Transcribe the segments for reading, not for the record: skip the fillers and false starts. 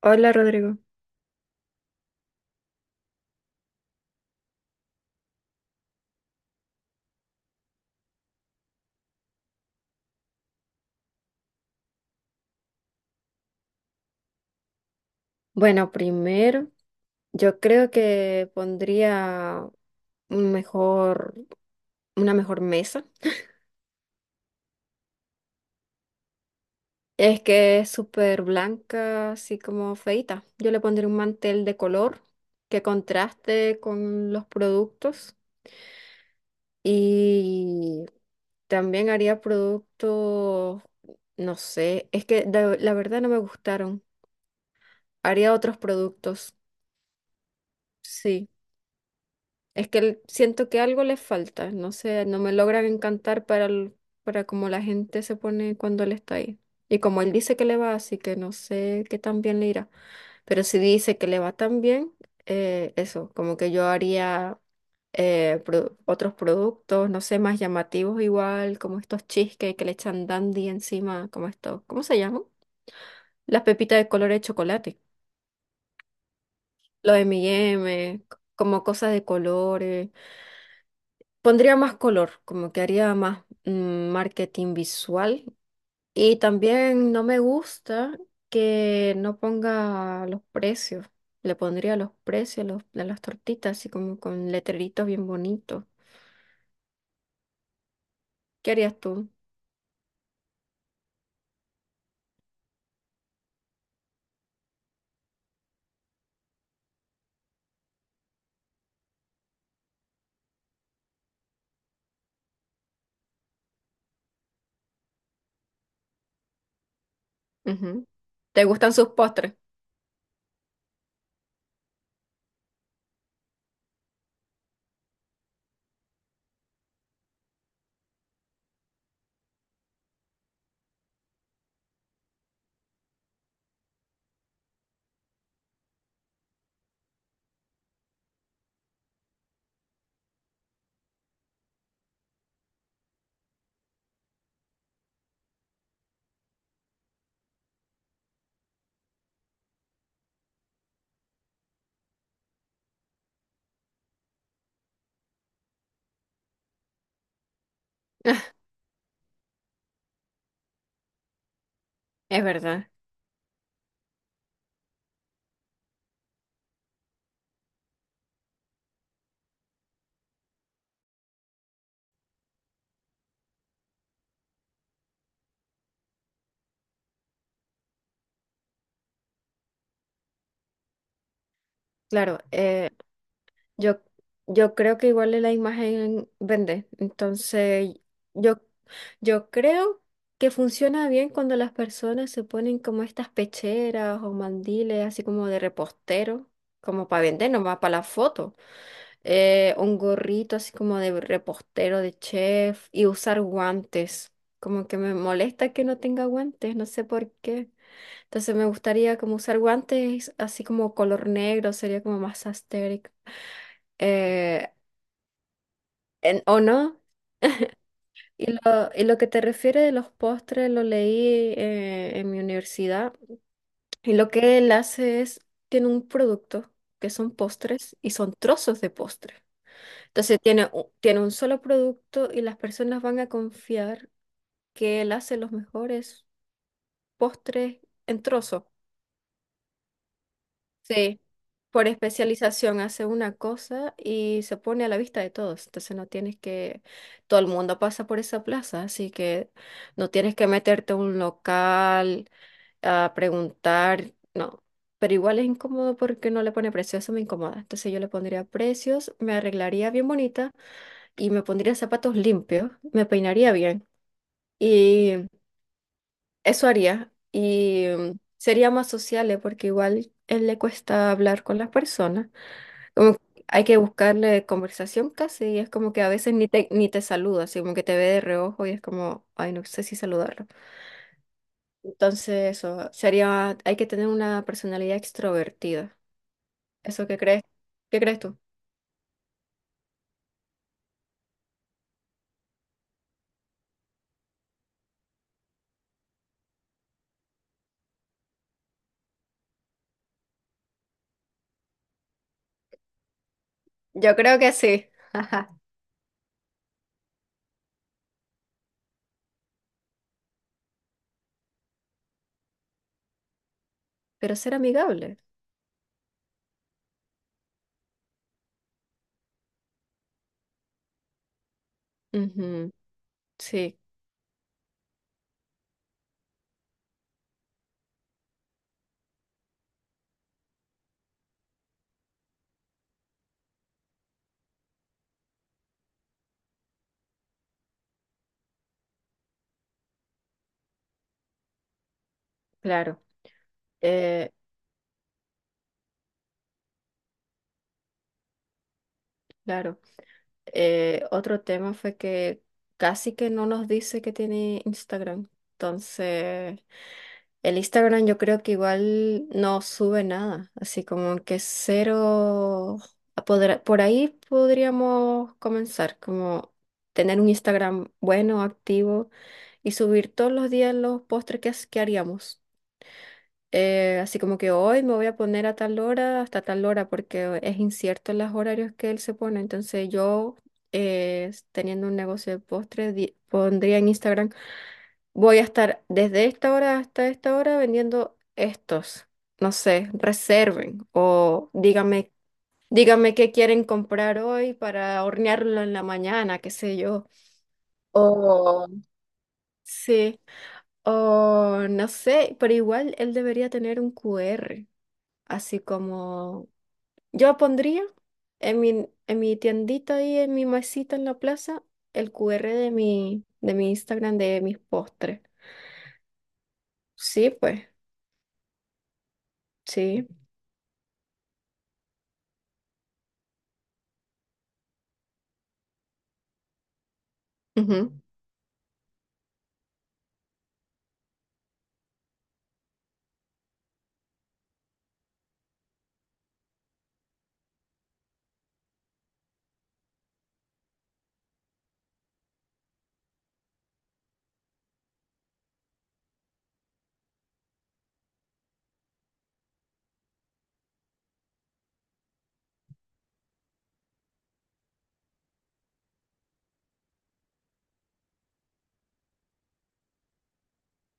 Hola Rodrigo. Bueno, primero, yo creo que pondría un mejor, una mejor mesa. Es que es súper blanca, así como feita. Yo le pondría un mantel de color que contraste con los productos y también haría productos, no sé, es que la verdad no me gustaron. Haría otros productos, sí. Es que siento que algo les falta, no sé, no me logran encantar para, para como la gente se pone cuando él está ahí. Y como él dice que le va, así que no sé qué tan bien le irá. Pero si dice que le va tan bien, eso, como que yo haría otros productos, no sé, más llamativos igual, como estos cheesecake que le echan dandy encima, como estos, ¿cómo se llaman? Las pepitas de color de chocolate. Lo de M&M, como cosas de colores. Pondría más color, como que haría más marketing visual. Y también no me gusta que no ponga los precios. Le pondría los precios de las tortitas, así como con letreritos bien bonitos. ¿Qué harías tú? Ujú. ¿Te gustan sus postres? Es verdad. Claro, yo, yo creo que igual la imagen vende. Entonces, yo, yo creo que funciona bien cuando las personas se ponen como estas pecheras o mandiles, así como de repostero, como para vender, nomás para la foto. Un gorrito así como de repostero, de chef, y usar guantes. Como que me molesta que no tenga guantes, no sé por qué. Entonces me gustaría como usar guantes así como color negro, sería como más asteric. Eh, ¿O no? Y lo que te refiere de los postres lo leí en mi universidad. Y lo que él hace es, tiene un producto que son postres y son trozos de postre. Entonces tiene, tiene un solo producto y las personas van a confiar que él hace los mejores postres en trozos. Sí, por especialización hace una cosa y se pone a la vista de todos. Entonces no tienes que, todo el mundo pasa por esa plaza, así que no tienes que meterte a un local a preguntar, no. Pero igual es incómodo porque no le pone precio, eso me incomoda. Entonces yo le pondría precios, me arreglaría bien bonita y me pondría zapatos limpios, me peinaría bien. Y eso haría. Y sería más sociable porque igual él le cuesta hablar con las personas. Como que hay que buscarle conversación casi, y es como que a veces ni te saluda, así como que te ve de reojo y es como, ay, no sé si saludarlo. Entonces, eso sería, hay que tener una personalidad extrovertida. ¿Eso qué crees? ¿Qué crees tú? Yo creo que sí. Pero ser amigable. Ujú, sí, claro. Eh, claro. Otro tema fue que casi que no nos dice que tiene Instagram. Entonces, el Instagram yo creo que igual no sube nada, así como que cero... Por ahí podríamos comenzar, como tener un Instagram bueno, activo y subir todos los días los postres que haríamos. Así como que hoy me voy a poner a tal hora hasta tal hora porque es incierto los horarios que él se pone. Entonces yo, teniendo un negocio de postres, pondría en Instagram voy a estar desde esta hora hasta esta hora vendiendo estos. No sé, reserven o díganme, díganme qué quieren comprar hoy para hornearlo en la mañana, qué sé yo. O sí, o no sé, pero igual él debería tener un QR, así como yo pondría en mi tiendita ahí, en mi mesita en la plaza, el QR de mi Instagram de mis postres. Sí, pues, sí. Ujú.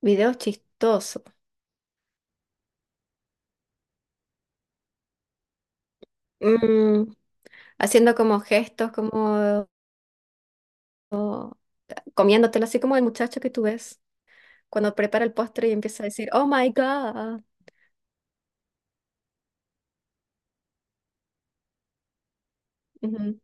Videos chistosos. Mm, haciendo como gestos, como o- comiéndotelo, así como el muchacho que tú ves cuando prepara el postre y empieza a decir, "Oh my God". Ujú.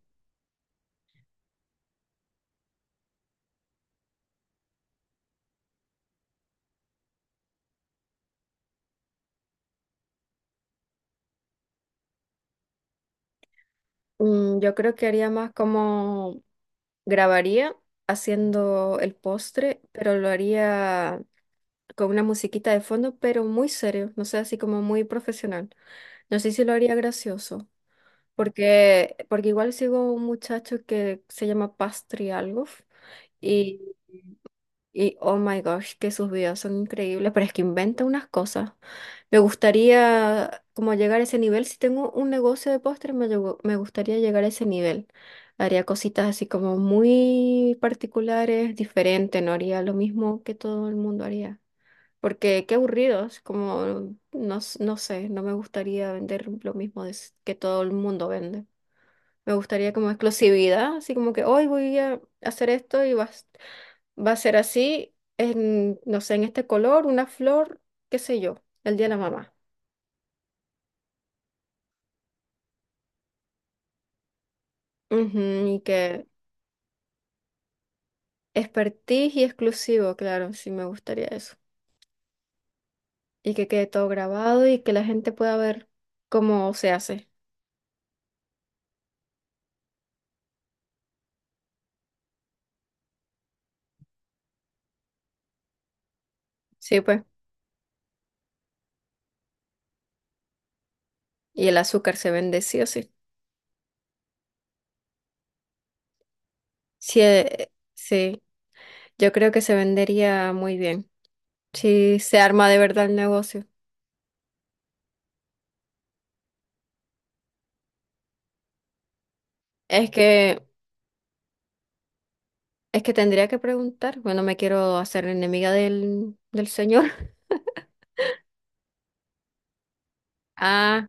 Mm, yo creo que haría más como grabaría haciendo el postre, pero lo haría con una musiquita de fondo, pero muy serio, no sé, así como muy profesional. No sé si lo haría gracioso, porque, porque igual sigo un muchacho que se llama Pastry algo. y Y oh my gosh, que sus videos son increíbles, pero es que inventa unas cosas. Me gustaría como llegar a ese nivel. Si tengo un negocio de postres, me gustaría llegar a ese nivel. Haría cositas así como muy particulares, diferentes, no haría lo mismo que todo el mundo haría. Porque qué aburridos, como no, no sé, no me gustaría vender lo mismo de que todo el mundo vende. Me gustaría como exclusividad, así como que hoy voy a hacer esto y vas. Va a ser así, en, no sé, en este color, una flor, qué sé yo, el día de la mamá. Ujú, y que expertise y exclusivo, claro, sí me gustaría eso. Y que quede todo grabado y que la gente pueda ver cómo se hace. Sí, pues. Y el azúcar se vende sí o sí. Sí, sí, yo creo que se vendería muy bien. Si se arma de verdad el negocio. Es que, es que tendría que preguntar. Bueno, me quiero hacer enemiga del, del señor. Ah,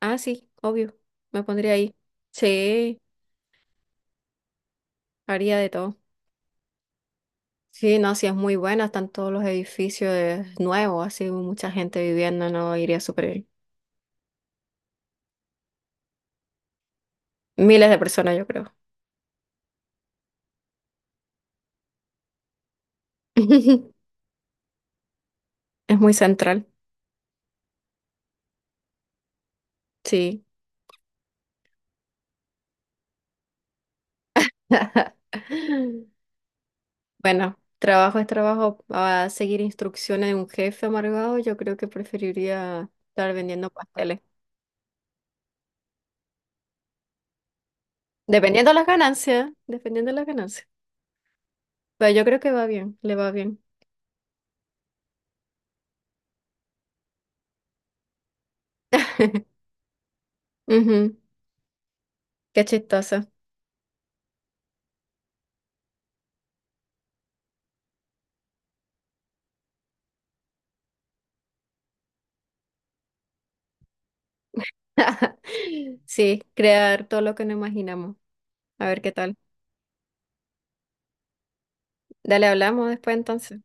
Ah, sí, obvio. Me pondría ahí. Sí, haría de todo. Sí, no, sí es muy buena, están todos los edificios nuevos, así mucha gente viviendo, no iría súper bien. Miles de personas, yo creo. Es muy central, sí. Bueno, trabajo es trabajo. A seguir instrucciones de un jefe amargado, yo creo que preferiría estar vendiendo pasteles. Dependiendo de las ganancias, dependiendo de las ganancias. Pero yo creo que va bien, le va bien. Ujú, qué chistoso. Sí, crear todo lo que no imaginamos. A ver qué tal. Dale, hablamos después entonces.